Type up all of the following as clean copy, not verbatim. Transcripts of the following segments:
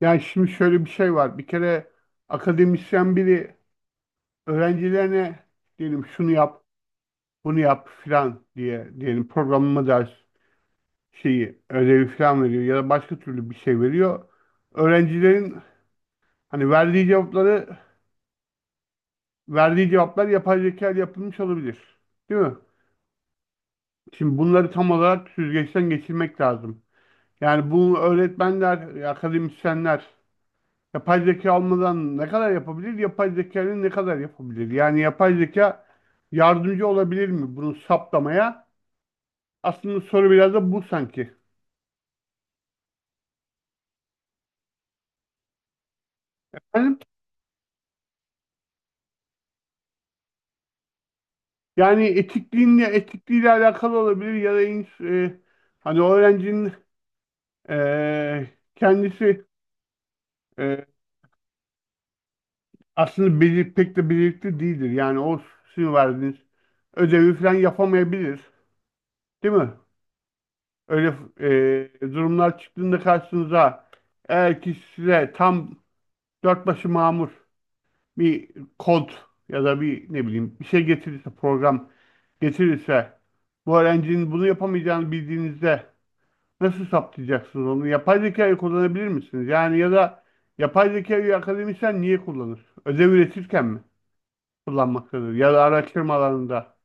Yani şimdi şöyle bir şey var. Bir kere akademisyen biri öğrencilerine diyelim şunu yap, bunu yap filan diye, diyelim programlama ders şeyi, ödevi filan veriyor ya da başka türlü bir şey veriyor. Öğrencilerin hani verdiği cevapları, verdiği cevaplar yapay zeka ile yapılmış olabilir. Değil mi? Şimdi bunları tam olarak süzgeçten geçirmek lazım. Yani bu öğretmenler, akademisyenler yapay zeka olmadan ne kadar yapabilir? Yapay zekanın ne kadar yapabilir? Yani yapay zeka yardımcı olabilir mi bunu saptamaya? Aslında soru biraz da bu sanki. Efendim? Yani etikliğiyle alakalı olabilir ya da hani öğrencinin e, kendisi, e, aslında pek de becerikli değildir. Yani o sizin verdiğiniz ödevi falan yapamayabilir. Değil mi? Öyle durumlar çıktığında karşınıza, eğer ki size tam dört başı mamur bir kod ya da bir ne bileyim bir şey getirirse, program getirirse, bu öğrencinin bunu yapamayacağını bildiğinizde nasıl saptayacaksınız onu? Yapay zekayı kullanabilir misiniz? Yani ya da yapay zekayı akademisyen niye kullanır? Ödev üretirken mi kullanmaktadır? Ya da araştırma alanında.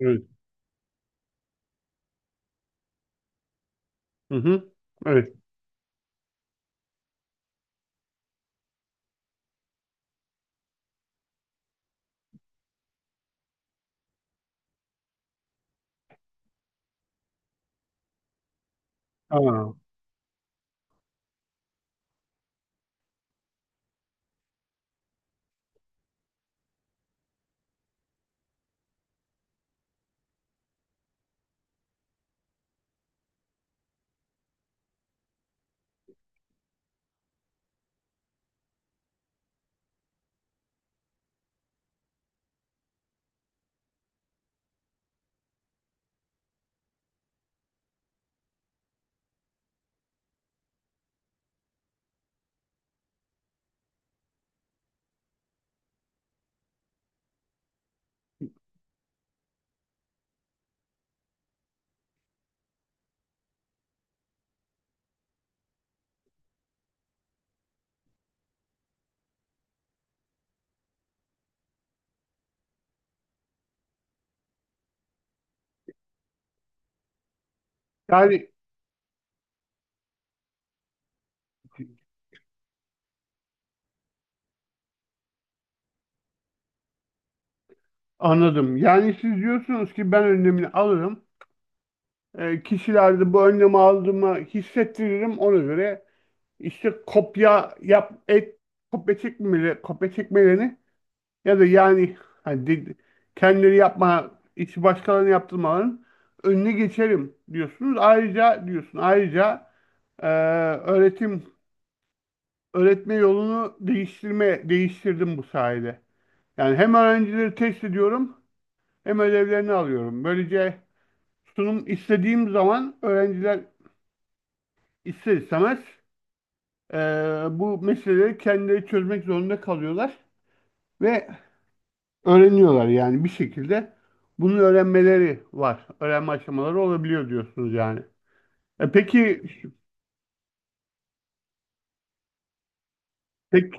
Evet. Hı hı. Evet. Aa. Yani anladım. Yani siz diyorsunuz ki ben önlemini alırım. E, kişilerde bu önlemi aldığımı hissettiririm. Ona göre İşte kopya yap et, kopya çekmeleri, kopya çekmelerini ya da yani hani, kendileri yapma işi başkalarına yaptırmaların önüne geçerim diyorsunuz. Ayrıca diyorsun, ayrıca eee, öğretim, öğretme yolunu değiştirdim bu sayede. Yani hem öğrencileri test ediyorum, hem ödevlerini alıyorum. Böylece sunum istediğim zaman öğrenciler ister istemez eee, bu meseleleri kendileri çözmek zorunda kalıyorlar ve öğreniyorlar yani bir şekilde, bunun öğrenmeleri var. Öğrenme aşamaları olabiliyor diyorsunuz yani. E peki, pek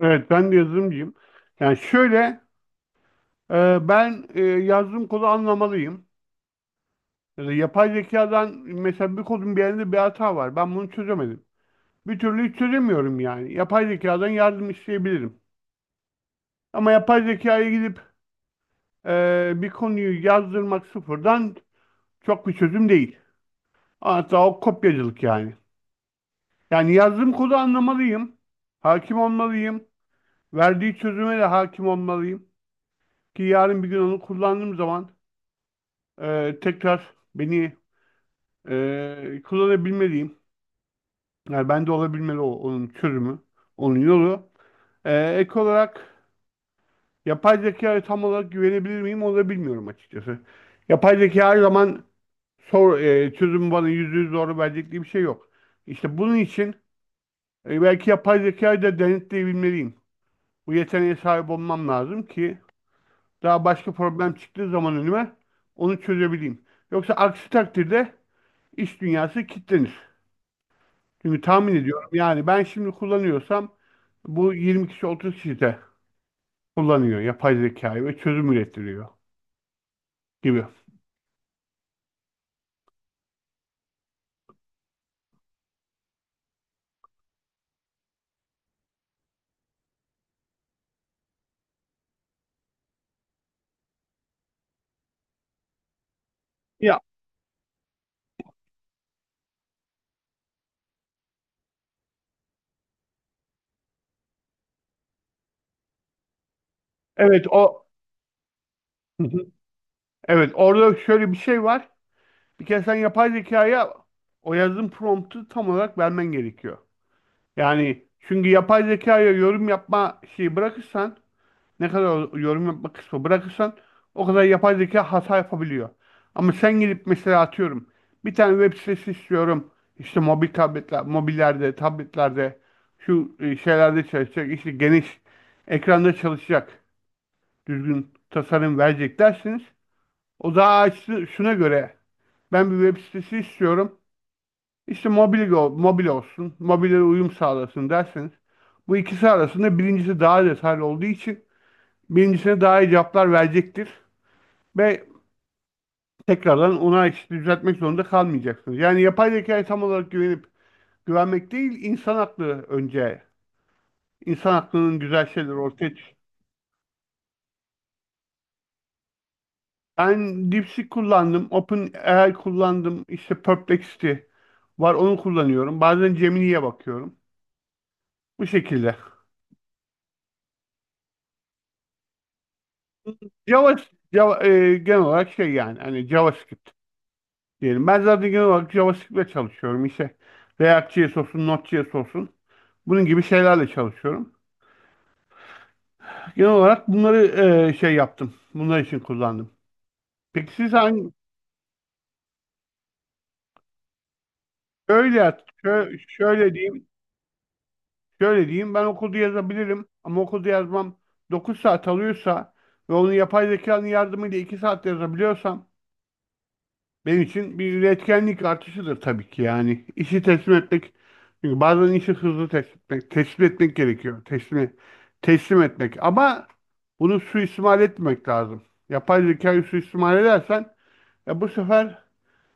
evet, ben de yazılımcıyım. Yani şöyle, ben, yazdığım kodu anlamalıyım. Ya da yapay zekadan mesela, bir kodun bir yerinde bir hata var. Ben bunu çözemedim. Bir türlü hiç çözemiyorum yani. Yapay zekadan yardım isteyebilirim. Ama yapay zekaya gidip bir konuyu yazdırmak sıfırdan çok bir çözüm değil. Hatta o kopyacılık yani. Yani yazdığım kodu anlamalıyım. Hakim olmalıyım. Verdiği çözüme de hakim olmalıyım. Ki yarın bir gün onu kullandığım zaman tekrar beni kullanabilmeliyim. Yani ben de olabilmeli onun çözümü, onun yolu. E, ek olarak yapay zekaya tam olarak güvenebilir miyim onu da bilmiyorum açıkçası. Yapay zeka her zaman çözümü bana yüzde yüz doğru verecek diye bir şey yok. İşte bunun için belki yapay zekayı da denetleyebilmeliyim. Bu yeteneğe sahip olmam lazım ki daha başka problem çıktığı zaman önüme onu çözebileyim. Yoksa aksi takdirde iş dünyası kilitlenir. Çünkü tahmin ediyorum yani, ben şimdi kullanıyorsam bu 20 kişi 30 kişi de kullanıyor yapay zekayı ve çözüm ürettiriyor gibi. Ya, evet, o. Hı hı. Evet, orada şöyle bir şey var. Bir kere sen yapay zekaya o yazdığın promptu tam olarak vermen gerekiyor. Yani çünkü yapay zekaya yorum yapma şeyi bırakırsan, ne kadar yorum yapma kısmı bırakırsan o kadar yapay zeka hata yapabiliyor. Ama sen gidip mesela, atıyorum, bir tane web sitesi istiyorum. İşte mobil tabletler, mobillerde, tabletlerde şu şeylerde çalışacak, işte geniş ekranda çalışacak. Düzgün tasarım verecek dersiniz. O daha açtı. Şuna göre ben bir web sitesi istiyorum, İşte mobil, mobil olsun, mobile uyum sağlasın derseniz, bu ikisi arasında birincisi daha detaylı olduğu için birincisine daha iyi cevaplar verecektir. Ve tekrardan ona işte düzeltmek zorunda kalmayacaksınız. Yani yapay zekaya tam olarak güvenmek değil, insan aklı önce. İnsan aklının güzel şeyleri ortaya çık. Ben DeepSeek kullandım, OpenAI kullandım, işte Perplexity var onu kullanıyorum. Bazen Gemini'ye bakıyorum. Bu şekilde. Java, Java, genel olarak şey, yani hani JavaScript diyelim. Ben zaten genel olarak JavaScript'le çalışıyorum. İşte React.js olsun, Node.js olsun. Bunun gibi şeylerle çalışıyorum. Genel olarak bunları şey yaptım. Bunlar için kullandım. Peki siz hangi şöyle yaz- şöyle diyeyim, şöyle diyeyim, ben okulda yazabilirim ama okulda yazmam 9 saat alıyorsa ve onu yapay zekanın yardımıyla 2 saat yazabiliyorsam benim için bir üretkenlik artışıdır tabii ki yani. İşi teslim etmek, çünkü bazen işi hızlı teslim etmek, teslim etmek gerekiyor. Teslim etmek, ama bunu suistimal etmemek lazım. Yapay zekayı suistimal edersen ya, bu sefer,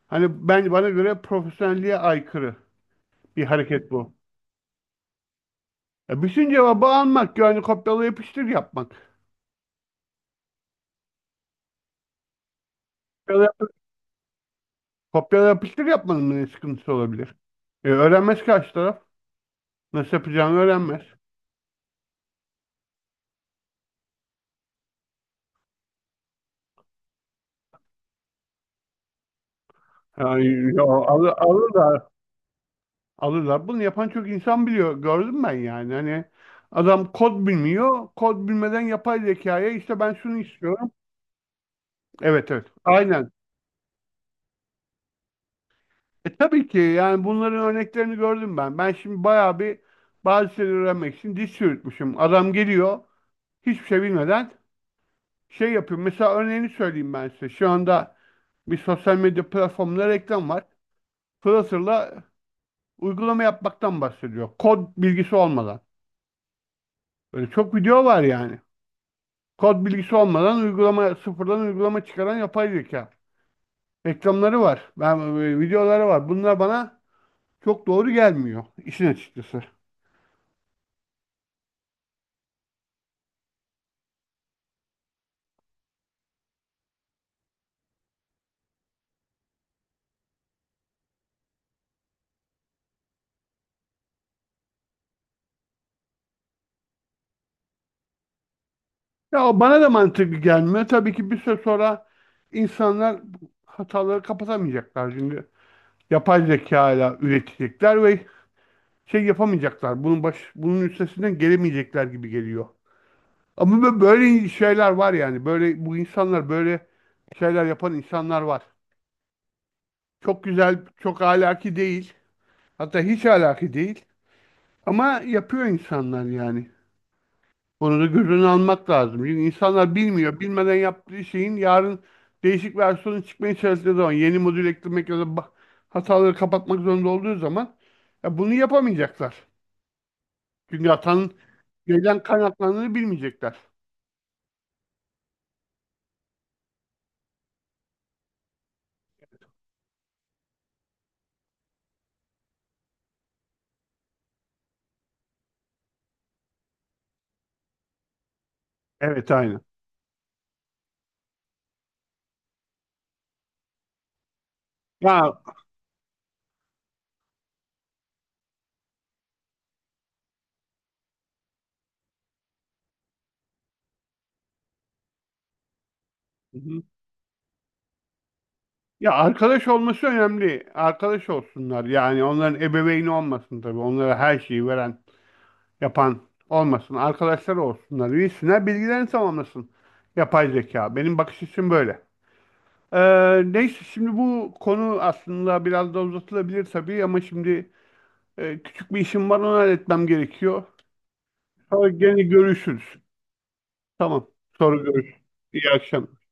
hani ben, bana göre profesyonelliğe aykırı bir hareket bu. Ya, bütün cevabı almak, yani kopyala yapıştır yapmak. Kopyala, yap- Kopyala yapıştır yapmanın ne sıkıntısı olabilir? E, öğrenmez karşı taraf. Nasıl yapacağını öğrenmez. Yani, ya, alırlar. Alırlar. Bunu yapan çok insan biliyor. Gördüm ben yani. Hani adam kod bilmiyor. Kod bilmeden yapay zekaya işte, ben şunu istiyorum. Evet, evet. Aynen. E, tabii ki, yani bunların örneklerini gördüm ben. Ben şimdi bayağı bir, bazı şeyleri öğrenmek için diş çürütmüşüm. Adam geliyor, hiçbir şey bilmeden şey yapıyor. Mesela örneğini söyleyeyim ben size. Şu anda bir sosyal medya platformunda reklam var. Flutter'la uygulama yapmaktan bahsediyor, kod bilgisi olmadan. Böyle çok video var yani. Kod bilgisi olmadan uygulama, sıfırdan uygulama çıkaran yapay zeka. Reklamları var. Videoları var. Bunlar bana çok doğru gelmiyor işin açıkçası. Ya, bana da mantıklı gelmiyor. Tabii ki bir süre sonra insanlar hataları kapatamayacaklar. Çünkü yapay zeka ile üretecekler ve şey yapamayacaklar. Bunun üstesinden gelemeyecekler gibi geliyor. Ama böyle şeyler var yani. Böyle şeyler yapan insanlar var. Çok güzel, çok ahlaki değil. Hatta hiç ahlaki değil. Ama yapıyor insanlar yani. Bunu da göz önüne almak lazım. Çünkü insanlar bilmiyor. Bilmeden yaptığı şeyin yarın değişik versiyonu çıkmaya çalıştığı zaman, yeni modül eklemek ya da hataları kapatmak zorunda olduğu zaman, ya bunu yapamayacaklar. Çünkü hatanın neden kaynaklandığını bilmeyecekler. Evet, aynı. Ya. Hı hı. Ya, arkadaş olması önemli. Arkadaş olsunlar. Yani onların ebeveyni olmasın tabii. Onlara her şeyi veren, yapan olmasın. Arkadaşlar olsunlar. Üyesinler, bilgilerini tamamlasın yapay zeka. Benim bakış açım böyle. Ee, Neyse, şimdi bu konu aslında biraz da uzatılabilir tabii, ama şimdi küçük bir işim var, onu halletmem gerekiyor. Sonra gene görüşürüz. Tamam. Sonra görüşürüz. İyi akşamlar.